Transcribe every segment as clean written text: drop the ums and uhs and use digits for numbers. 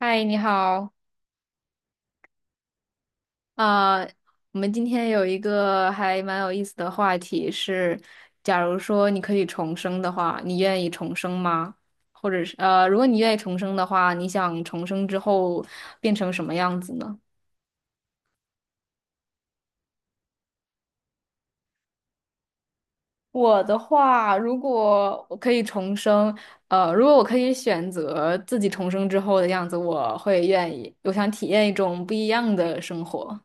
嗨，你好。啊、我们今天有一个还蛮有意思的话题是，假如说你可以重生的话，你愿意重生吗？或者是如果你愿意重生的话，你想重生之后变成什么样子呢？我的话，如果我可以重生，如果我可以选择自己重生之后的样子，我会愿意，我想体验一种不一样的生活。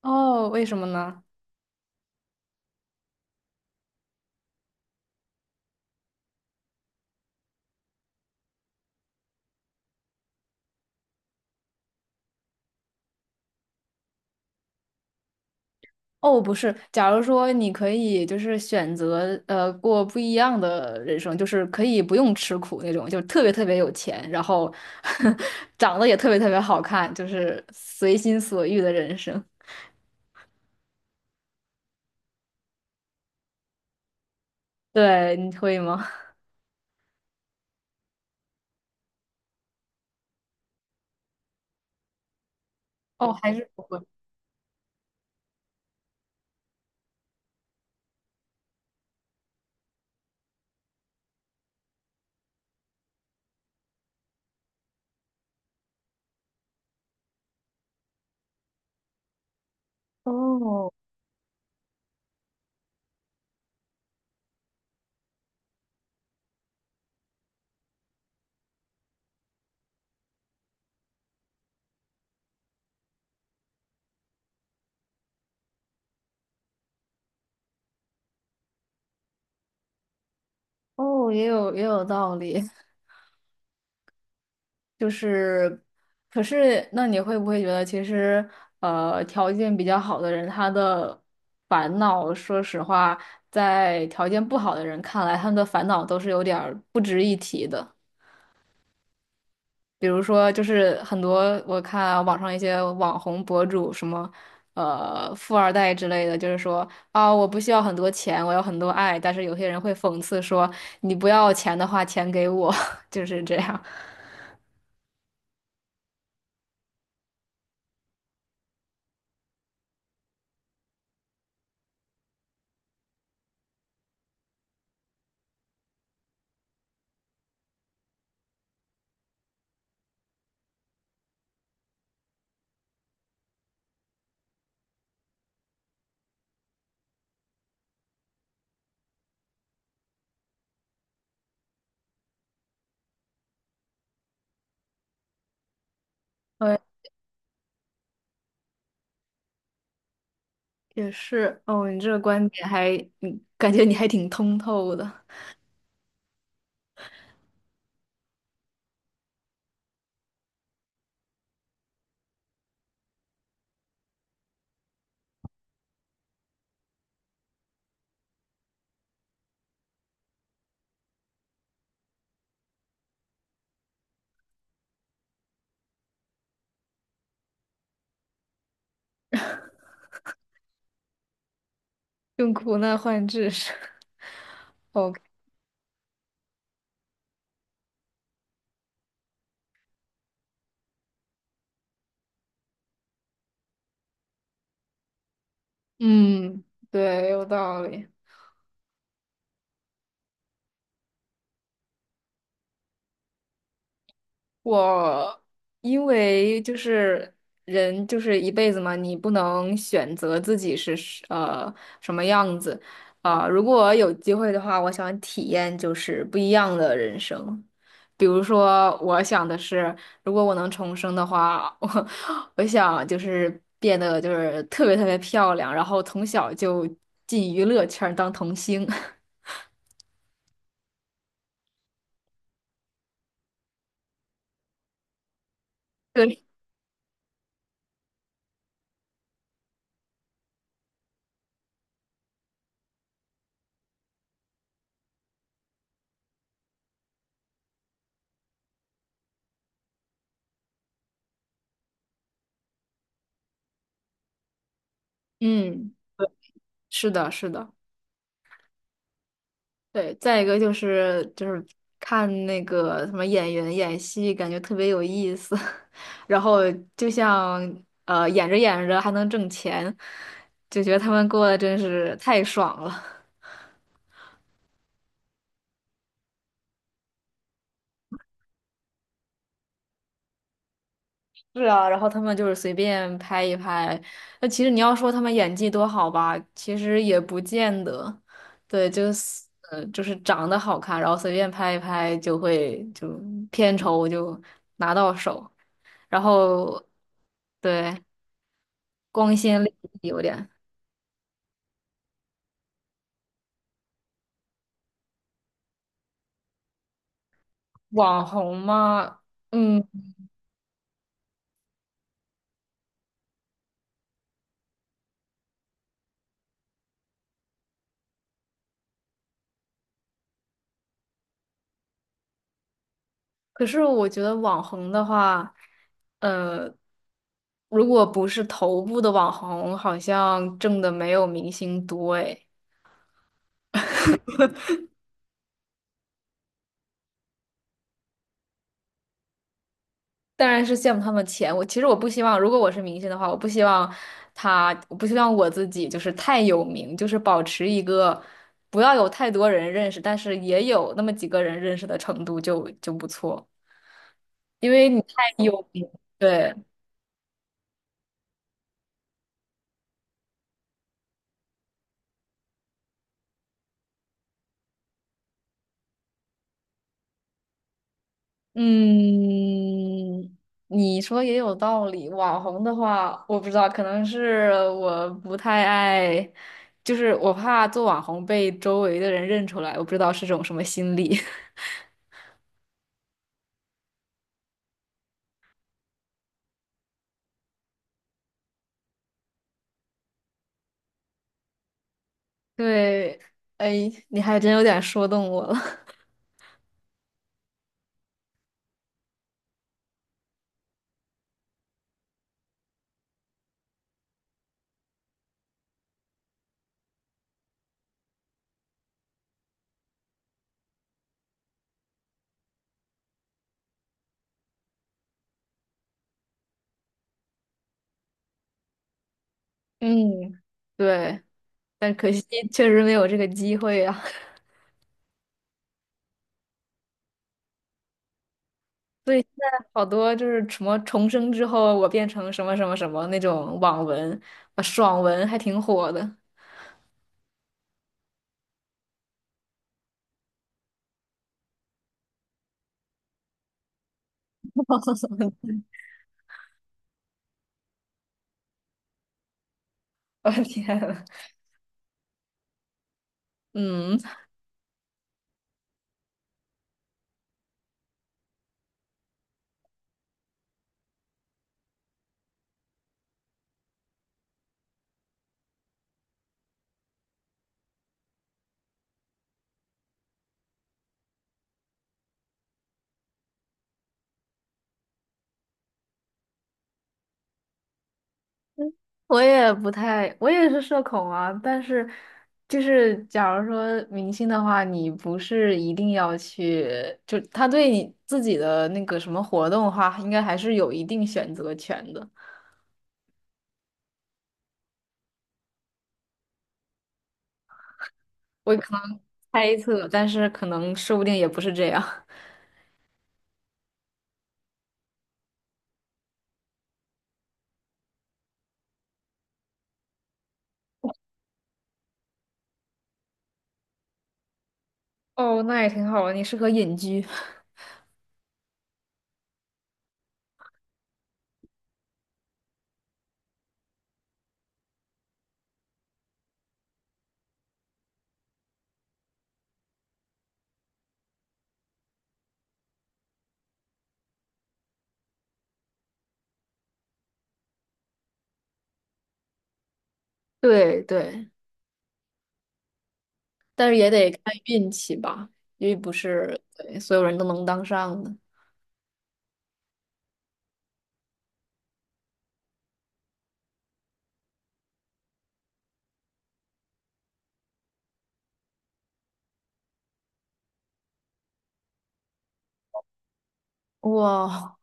哦，为什么呢？哦，不是，假如说你可以就是选择过不一样的人生，就是可以不用吃苦那种，就特别特别有钱，然后 长得也特别特别好看，就是随心所欲的人生。对，你会吗？哦，还是不会。哦，也有道理。就是，可是那你会不会觉得其实条件比较好的人，他的烦恼，说实话，在条件不好的人看来，他们的烦恼都是有点儿。比如说，就是很多我看网上一些网红博主，什么富二代之类的，就是说啊，我不需要很多钱，我要很多爱。但是有些人会讽刺说，你不要钱的话，钱给我。就是这样。呃，也是哦，你这个观点还，嗯，感觉你还挺通透的。用苦难换知识。OK，嗯，对，有道理。我因为就是人就是一辈子嘛，你不能选择自己是什么样子啊。如果有机会的话，我想体验就是不一样的人生。比如说，我想的是，如果我能重生的话，我想就是变得就是特别特别漂亮，然后从小就进娱乐圈儿当童星。对，嗯，是的，是的。对，再一个就是看那个什么演员演戏，感觉特别有意思，然后就像演着演着还能挣钱，就觉得他们过得真是太爽了。是啊，然后他们就是随便拍一拍。那其实你要说他们演技多好吧，其实也不见得。对，就是就是长得好看，然后随便拍一拍就会就片酬就拿到手，然后对。光鲜亮丽有点。网红嘛，嗯，可是我觉得网红的话，呃，如果不是头部的网红，好像挣的没有明星多诶。当然是羡慕他们钱。我其实我不希望，如果我是明星的话，我不希望他，我不希望我自己就是太有名，就是保持一个不要有太多人认识，但是也有那么几个人认识的程度就不错。因为你太有名，对。嗯，你说也有道理。网红的话，我不知道，可能是我不太爱，就是我怕做网红被周围的人认出来，我不知道是种什么心理。对，哎，你还真有点说动我了。嗯，对，但可惜确实没有这个机会啊。所以现在好多就是什么重生之后，我变成什么什么什么那种网文，啊爽文还挺火的。我的天！嗯，我也不太，我也是社恐啊。但是，就是假如说明星的话，你不是一定要去，就他对你自己的那个什么活动的话，应该还是有一定选择权的。我可能猜测，但是可能说不定也不是这样。哦，那也挺好的，你适合隐居。对对，但是也得看运气吧，因为不是对所有人都能当上的。哇，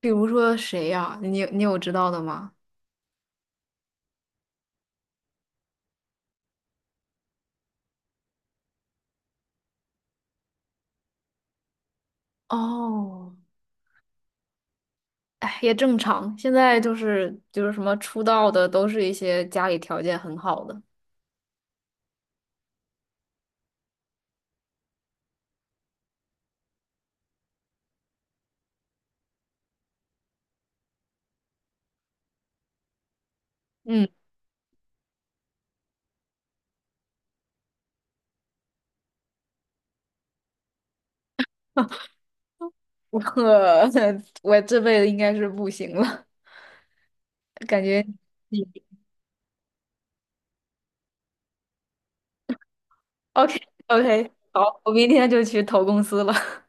比如说谁呀？你有知道的吗？哦，哎，也正常。现在就是什么出道的，都是一些家里条件很好的。嗯，我 我这辈子应该是不行了，感觉 OK， OK，好，我明天就去投公司了。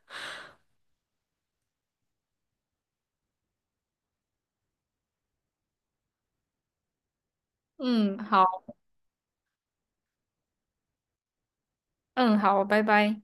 嗯，好，嗯，好，拜拜。